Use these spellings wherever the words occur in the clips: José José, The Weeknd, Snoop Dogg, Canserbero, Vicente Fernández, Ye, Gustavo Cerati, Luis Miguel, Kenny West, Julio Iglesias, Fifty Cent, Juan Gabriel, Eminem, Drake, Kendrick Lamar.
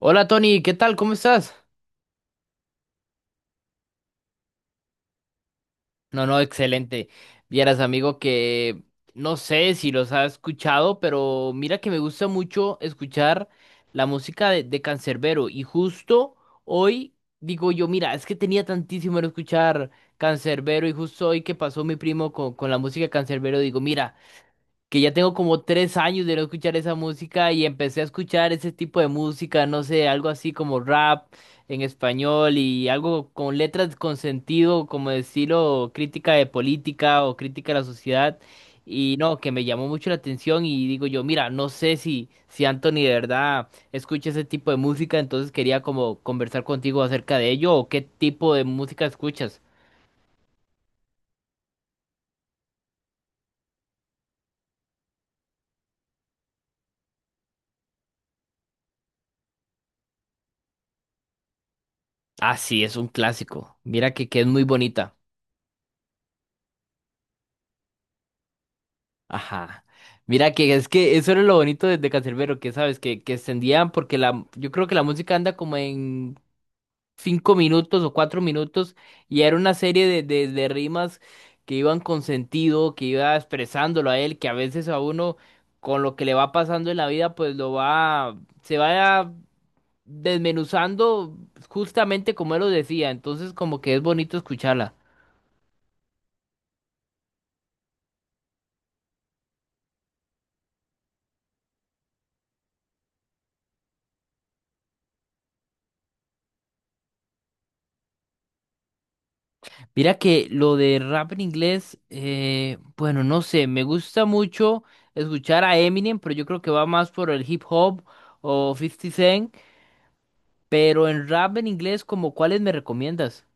Hola Tony, ¿qué tal? ¿Cómo estás? No, no, excelente. Vieras, amigo, que no sé si los has escuchado, pero mira que me gusta mucho escuchar la música de Canserbero. Y justo hoy digo yo, mira, es que tenía tantísimo en escuchar Canserbero y justo hoy que pasó mi primo con la música de Canserbero, digo, mira, que ya tengo como 3 años de no escuchar esa música y empecé a escuchar ese tipo de música, no sé, algo así como rap en español y algo con letras con sentido, como decirlo, crítica de política o crítica de la sociedad. Y no, que me llamó mucho la atención y digo yo, mira, no sé si Anthony de verdad escucha ese tipo de música, entonces quería como conversar contigo acerca de ello o qué tipo de música escuchas. Ah, sí, es un clásico. Mira que es muy bonita. Ajá. Mira que es que eso era lo bonito de Canserbero, que sabes, que extendían, porque yo creo que la música anda como en 5 minutos o 4 minutos, y era una serie de rimas que iban con sentido, que iba expresándolo a él, que a veces a uno con lo que le va pasando en la vida, pues se va desmenuzando justamente como él lo decía, entonces como que es bonito escucharla. Mira que lo de rap en inglés, bueno, no sé, me gusta mucho escuchar a Eminem, pero yo creo que va más por el hip hop o Fifty Cent, pero en rap en inglés, como cuáles me recomiendas?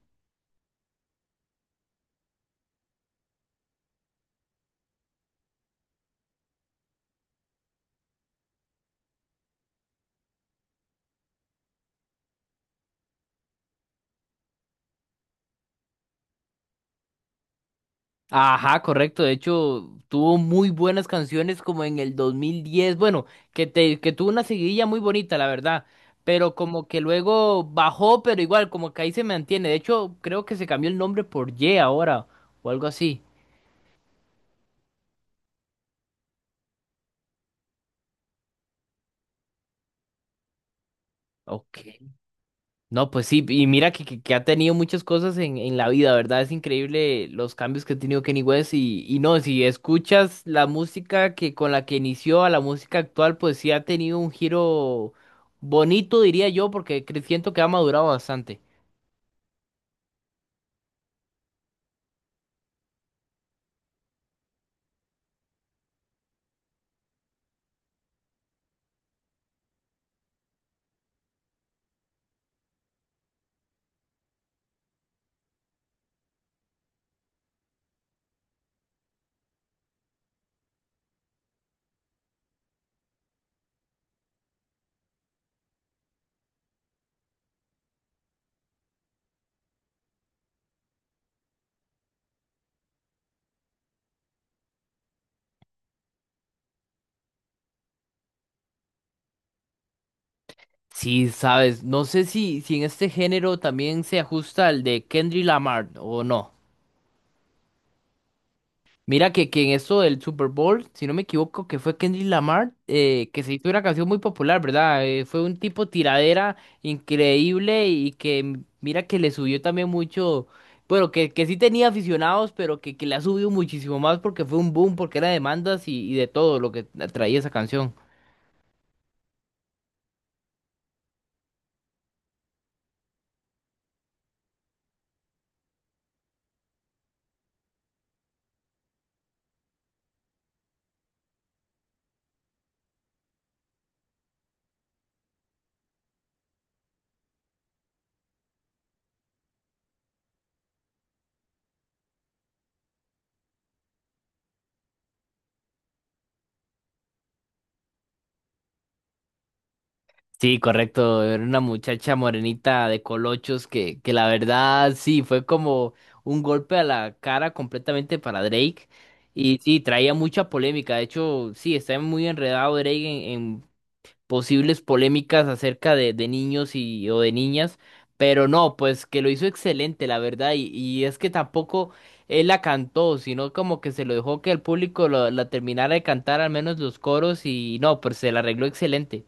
Ajá, correcto, de hecho tuvo muy buenas canciones como en el 2010, bueno, que tuvo una seguidilla muy bonita, la verdad, pero como que luego bajó, pero igual, como que ahí se mantiene, de hecho creo que se cambió el nombre por Ye ahora, o algo así. Ok. No, pues sí, y mira que ha tenido muchas cosas en la vida, ¿verdad? Es increíble los cambios que ha tenido Kenny West y no, si escuchas la música que con la que inició a la música actual, pues sí ha tenido un giro bonito, diría yo, porque siento que ha madurado bastante. Sí, sabes, no sé si en este género también se ajusta al de Kendrick Lamar o no. Mira que en esto del Super Bowl, si no me equivoco, que fue Kendrick Lamar, que se hizo una canción muy popular, ¿verdad? Fue un tipo tiradera increíble y que mira que le subió también mucho, bueno, que sí tenía aficionados, pero que le ha subido muchísimo más porque fue un boom, porque era demandas y de todo lo que traía esa canción. Sí, correcto. Era una muchacha morenita de colochos que la verdad sí fue como un golpe a la cara completamente para Drake. Y sí, traía mucha polémica. De hecho, sí, está muy enredado Drake en posibles polémicas acerca de niños o de niñas. Pero no, pues que lo hizo excelente, la verdad. Y es que tampoco él la cantó, sino como que se lo dejó que el público la terminara de cantar, al menos los coros. Y no, pues se la arregló excelente.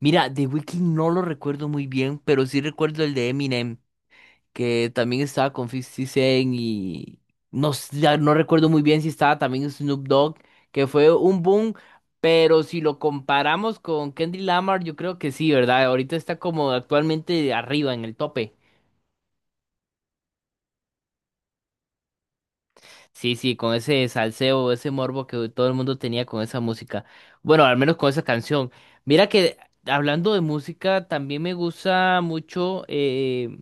Mira, The Weeknd no lo recuerdo muy bien, pero sí recuerdo el de Eminem, que también estaba con 50 Cent y no, ya no recuerdo muy bien si estaba también Snoop Dogg, que fue un boom, pero si lo comparamos con Kendrick Lamar, yo creo que sí, ¿verdad? Ahorita está como actualmente arriba en el tope. Sí, sí, con ese salseo, ese morbo que todo el mundo tenía con esa música. Bueno, al menos con esa canción. Mira que hablando de música, también me gusta mucho.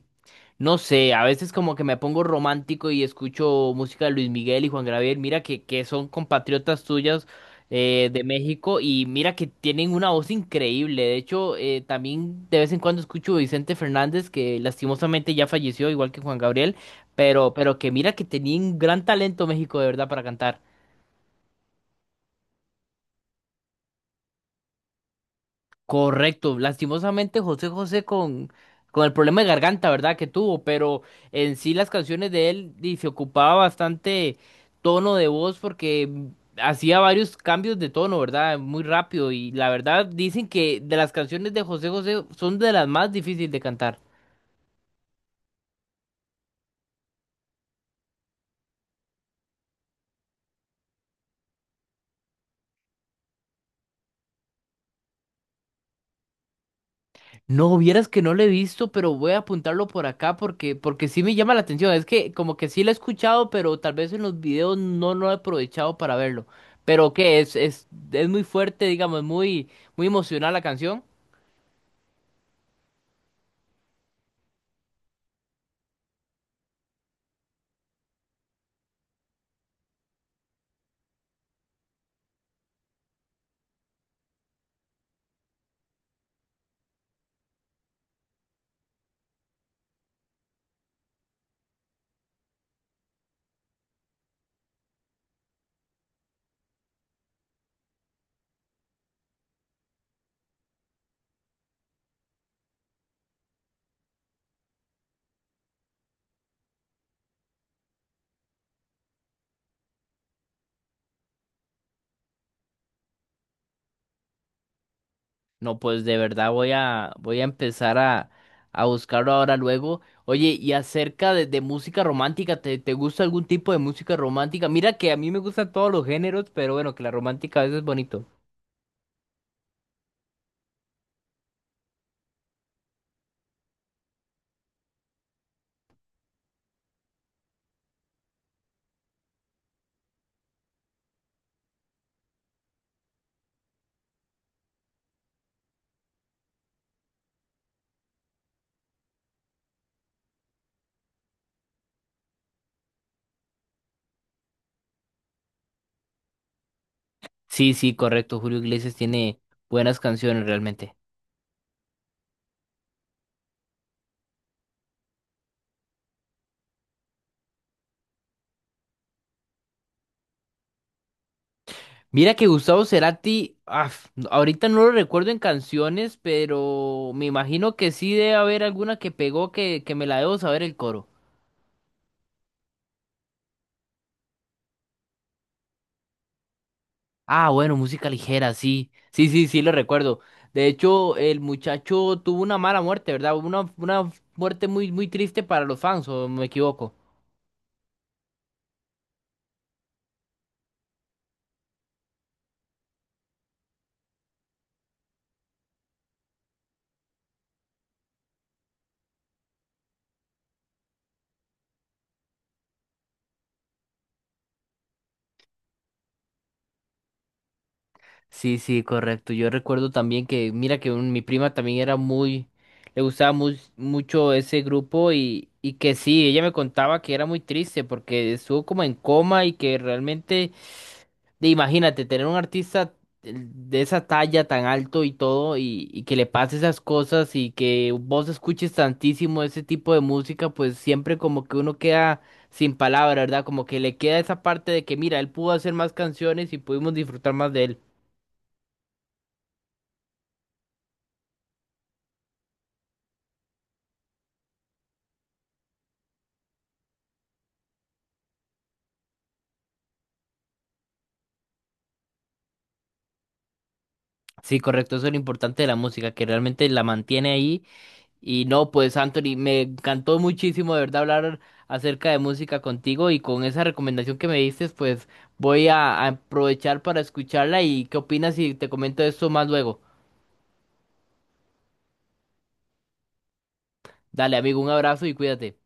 No sé, a veces como que me pongo romántico y escucho música de Luis Miguel y Juan Gabriel. Mira que son compatriotas tuyas, de México, y mira que tienen una voz increíble. De hecho, también de vez en cuando escucho a Vicente Fernández, que lastimosamente ya falleció, igual que Juan Gabriel, pero que mira que tenía un gran talento México de verdad para cantar. Correcto, lastimosamente José José con el problema de garganta, ¿verdad? Que tuvo, pero en sí las canciones de él y se ocupaba bastante tono de voz porque hacía varios cambios de tono, ¿verdad? Muy rápido y la verdad dicen que de las canciones de José José son de las más difíciles de cantar. No, vieras que no lo he visto, pero voy a apuntarlo por acá porque, sí me llama la atención. Es que como que sí lo he escuchado, pero tal vez en los videos no, no he aprovechado para verlo. Pero que es muy fuerte, digamos, muy, muy emocional la canción. No, pues de verdad voy a empezar a buscarlo ahora luego. Oye, y acerca de música romántica, ¿te gusta algún tipo de música romántica? Mira que a mí me gustan todos los géneros, pero bueno, que la romántica a veces es bonito. Sí, sí, correcto. Julio Iglesias tiene buenas canciones realmente. Mira que Gustavo Cerati, ahorita no lo recuerdo en canciones, pero me imagino que sí debe haber alguna que pegó que me la debo saber el coro. Ah, bueno, música ligera, sí. Sí, sí, sí, lo recuerdo. De hecho, el muchacho tuvo una mala muerte, ¿verdad? Una muerte muy, muy triste para los fans, ¿o me equivoco? Sí, sí, correcto. Yo recuerdo también que, mira, que mi prima también era le gustaba mucho ese grupo, y que sí, ella me contaba que era muy triste porque estuvo como en coma y que realmente, imagínate, tener un artista de esa talla tan alto y todo, y que le pase esas cosas, y que vos escuches tantísimo ese tipo de música, pues siempre como que uno queda sin palabra, ¿verdad? Como que le queda esa parte de que, mira, él pudo hacer más canciones y pudimos disfrutar más de él. Sí, correcto, eso es lo importante de la música, que realmente la mantiene ahí. Y no, pues Anthony, me encantó muchísimo de verdad hablar acerca de música contigo, y con esa recomendación que me diste, pues voy a aprovechar para escucharla y qué opinas si te comento esto más luego. Dale, amigo, un abrazo y cuídate.